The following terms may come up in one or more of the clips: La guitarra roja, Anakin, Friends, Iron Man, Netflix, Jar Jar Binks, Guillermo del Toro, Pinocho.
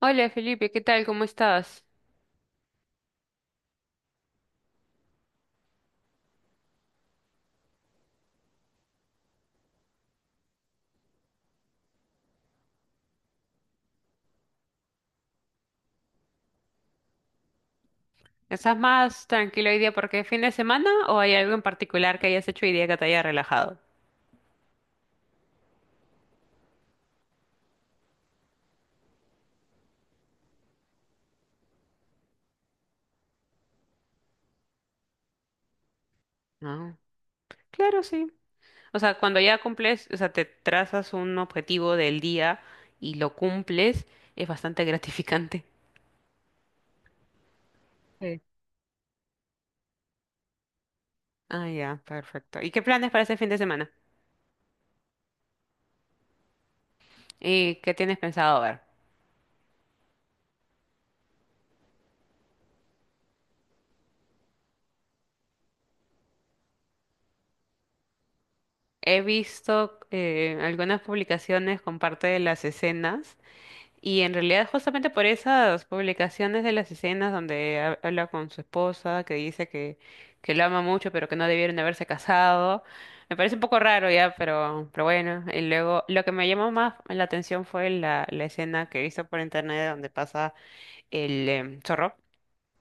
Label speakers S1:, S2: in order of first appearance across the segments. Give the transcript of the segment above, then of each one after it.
S1: Hola Felipe, ¿qué tal? ¿Cómo estás? ¿Estás más tranquilo hoy día porque es fin de semana o hay algo en particular que hayas hecho hoy día que te haya relajado? No. Claro, sí. O sea, cuando ya cumples, o sea, te trazas un objetivo del día y lo cumples, es bastante gratificante. Sí. Ah, ya, perfecto. ¿Y qué planes para este fin de semana? ¿Y qué tienes pensado ver? He visto algunas publicaciones con parte de las escenas. Y en realidad justamente por esas publicaciones de las escenas donde habla con su esposa, que dice que lo ama mucho, pero que no debieron haberse casado, me parece un poco raro ya, pero bueno. Y luego lo que me llamó más la atención fue la escena que he visto por internet donde pasa el zorro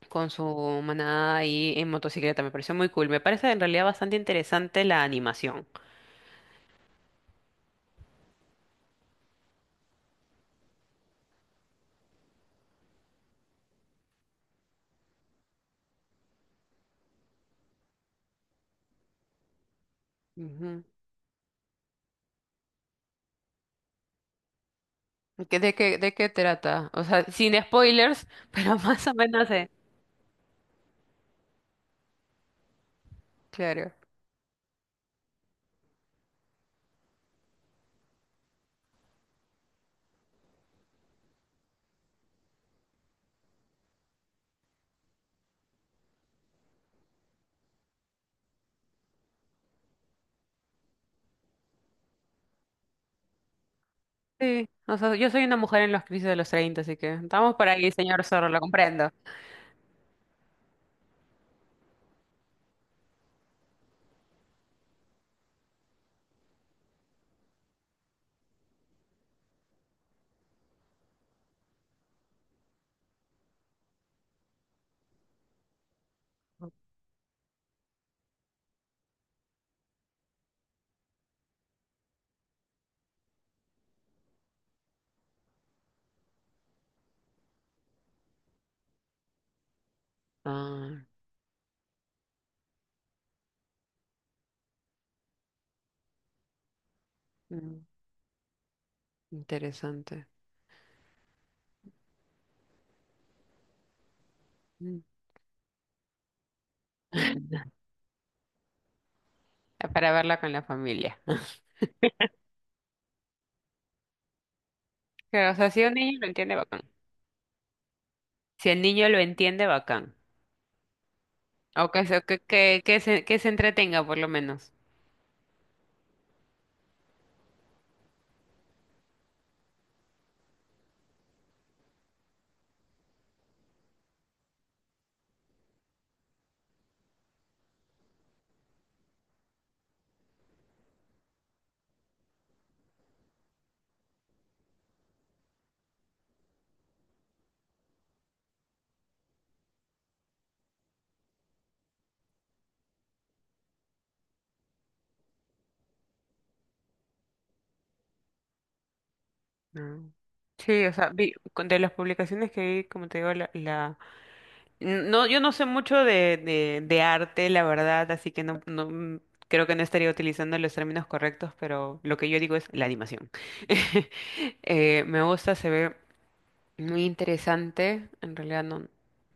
S1: con su manada ahí en motocicleta. Me pareció muy cool. Me parece en realidad bastante interesante la animación. Ujú. De qué trata? O sea, sin spoilers, pero más o menos, claro. Sí, o sea, yo soy una mujer en los crisis de los treinta, así que estamos por ahí, señor Zorro, lo comprendo. Ah, mm, interesante. Mm. Para verla con la familia. Pero, o sea, si un niño lo entiende, bacán. Si el niño lo entiende, bacán. O que se entretenga, por lo menos. Ah. Sí, o sea, vi, de las publicaciones que vi, como te digo, No, yo no sé mucho de arte, la verdad, así que no creo que no estaría utilizando los términos correctos, pero lo que yo digo es la animación. Me gusta, se ve muy interesante, en realidad no,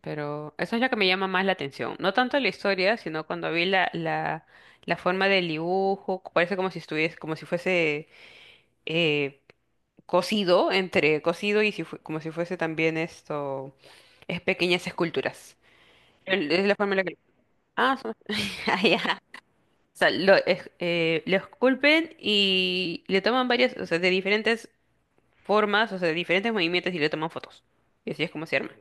S1: pero eso es lo que me llama más la atención. No tanto la historia, sino cuando vi la forma del dibujo, parece como si estuviese, como si fuese eh, cosido, entre cosido y como si fuese también esto, es pequeñas esculturas es la forma en la que... Ah, son- ah, ya. O sea, lo esculpen y le toman varias, o sea, de diferentes formas, o sea, de diferentes movimientos y le toman fotos. Y así es como se arma.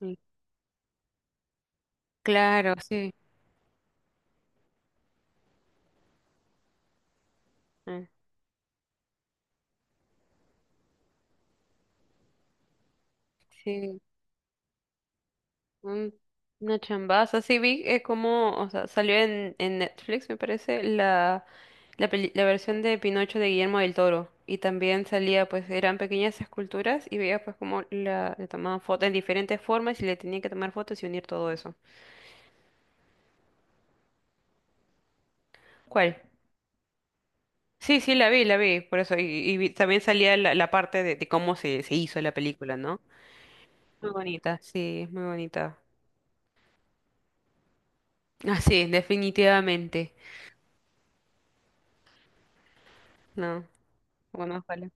S1: Sí. Claro, sí. Ah, sí. Un- una chambaza. Sí, vi como, o sea, salió en Netflix, me parece, la versión de Pinocho de Guillermo del Toro. Y también salía, pues, eran pequeñas esculturas y veía, pues, como le tomaban fotos en diferentes formas y le tenían que tomar fotos y unir todo eso. ¿Cuál? Sí, sí, la vi, por eso. Y también salía la parte de cómo se hizo la película, ¿no? Muy bonita, sí, muy bonita. Ah, sí, definitivamente. No, bueno, ojalá.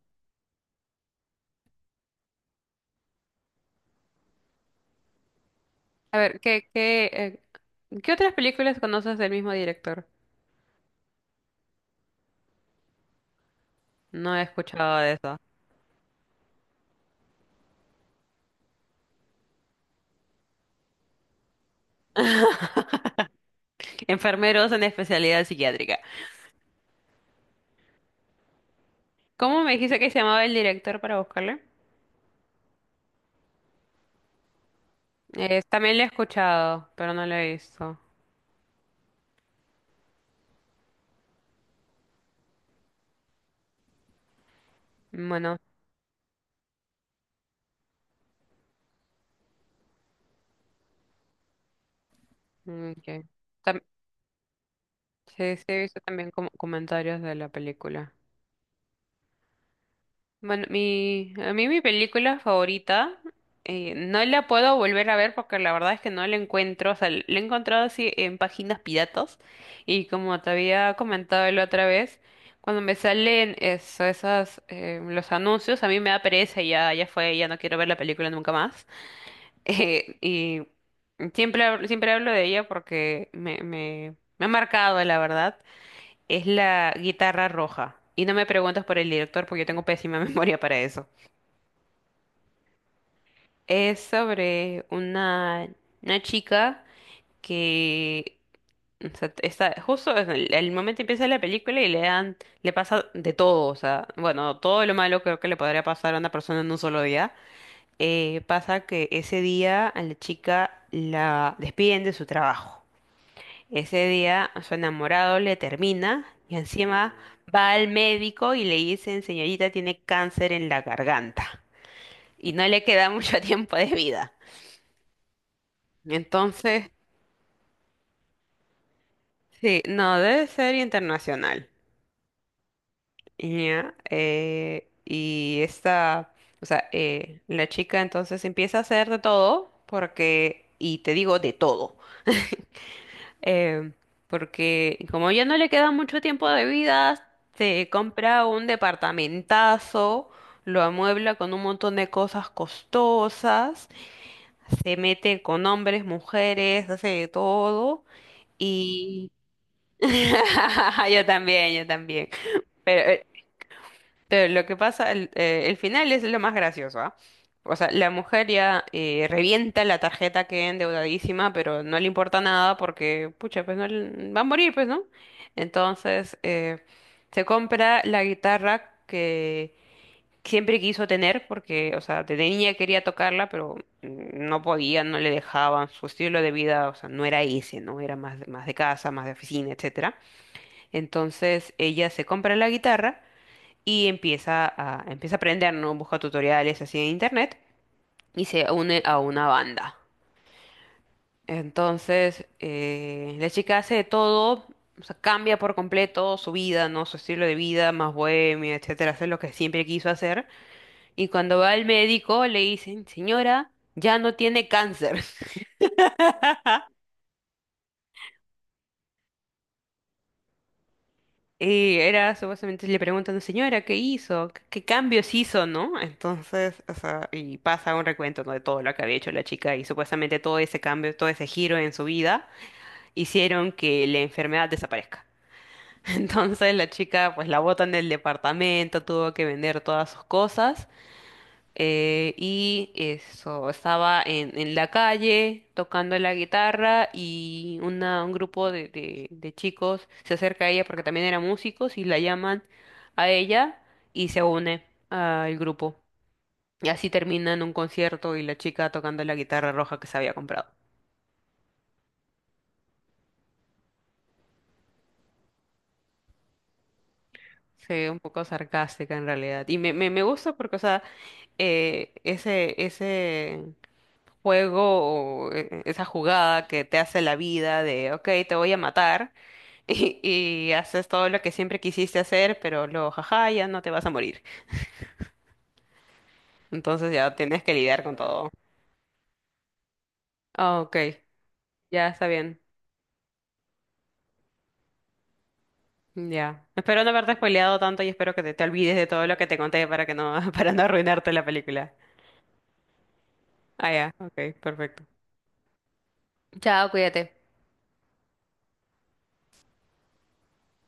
S1: A ver, ¿qué otras películas conoces del mismo director? No he escuchado de eso. Enfermeros en especialidad psiquiátrica. ¿Cómo me dijiste que se llamaba el director para buscarle? También lo he escuchado, pero no lo he visto. Bueno, mm, ok. Sí, sí, he visto también comentarios de la película. Bueno, a mí mi película favorita, no la puedo volver a ver porque la verdad es que no la encuentro, o sea, la he encontrado así en páginas piratas y como te había comentado la otra vez, cuando me salen los anuncios, a mí me da pereza y ya, ya fue, ya no quiero ver la película nunca más. Y siempre hablo de ella porque me ha marcado, la verdad. Es la guitarra roja. Y no me preguntes por el director porque yo tengo pésima memoria para eso. Es sobre una chica que, o sea, está justo en el momento, empieza la película le pasa de todo, o sea, bueno, todo lo malo creo que le podría pasar a una persona en un solo día. Pasa que ese día a la chica la despiden de su trabajo. Ese día su enamorado le termina y encima va al médico y le dicen, señorita, tiene cáncer en la garganta y no le queda mucho tiempo de vida. Entonces, sí, no, debe ser internacional. Ya, la chica entonces empieza a hacer de todo porque, y te digo de todo. Eh, porque como ya no le queda mucho tiempo de vida, se compra un departamentazo, lo amuebla con un montón de cosas costosas, se mete con hombres, mujeres, hace de todo y... Yo también, yo también. Pero lo que pasa, el final es lo más gracioso, ¿ah? O sea, la mujer ya revienta la tarjeta, que endeudadísima, pero no le importa nada porque, pucha, pues no le- va a morir, pues, ¿no? Entonces, se compra la guitarra que siempre quiso tener, porque, o sea, de niña quería tocarla, pero mm, no podía, no le dejaban, su estilo de vida, o sea, no era ese, ¿no? Era más, más de casa, más de oficina, etcétera. Entonces, ella se compra la guitarra y empieza a aprender, ¿no? Busca tutoriales así en internet y se une a una banda. Entonces, la chica hace de todo, o sea, cambia por completo su vida, ¿no? Su estilo de vida, más bohemia, etcétera, hace lo que siempre quiso hacer. Y cuando va al médico le dicen, señora, ya no tiene cáncer. Y era, supuestamente le preguntan, señora, ¿qué hizo? ¿Qué, qué cambios hizo, no? Entonces, o sea, y pasa un recuento, ¿no?, de todo lo que había hecho la chica, y supuestamente todo ese cambio, todo ese giro en su vida hicieron que la enfermedad desaparezca. Entonces la chica, pues la botan del departamento, tuvo que vender todas sus cosas, y eso, estaba en la calle tocando la guitarra y un grupo de chicos se acerca a ella porque también eran músicos y la llaman a ella y se une al grupo. Y así terminan un concierto y la chica tocando la guitarra roja que se había comprado. Sí, un poco sarcástica en realidad. Y me gusta porque, o sea, ese juego, esa jugada que te hace la vida de, ok, te voy a matar y haces todo lo que siempre quisiste hacer, pero luego, jaja, ya no te vas a morir. Entonces ya tienes que lidiar con todo. Ah, ok, ya está bien. Ya. Espero no haberte spoileado tanto y espero que te olvides de todo lo que te conté para que no, para no arruinarte la película. Ah, ya. Ok, perfecto. Chao, cuídate.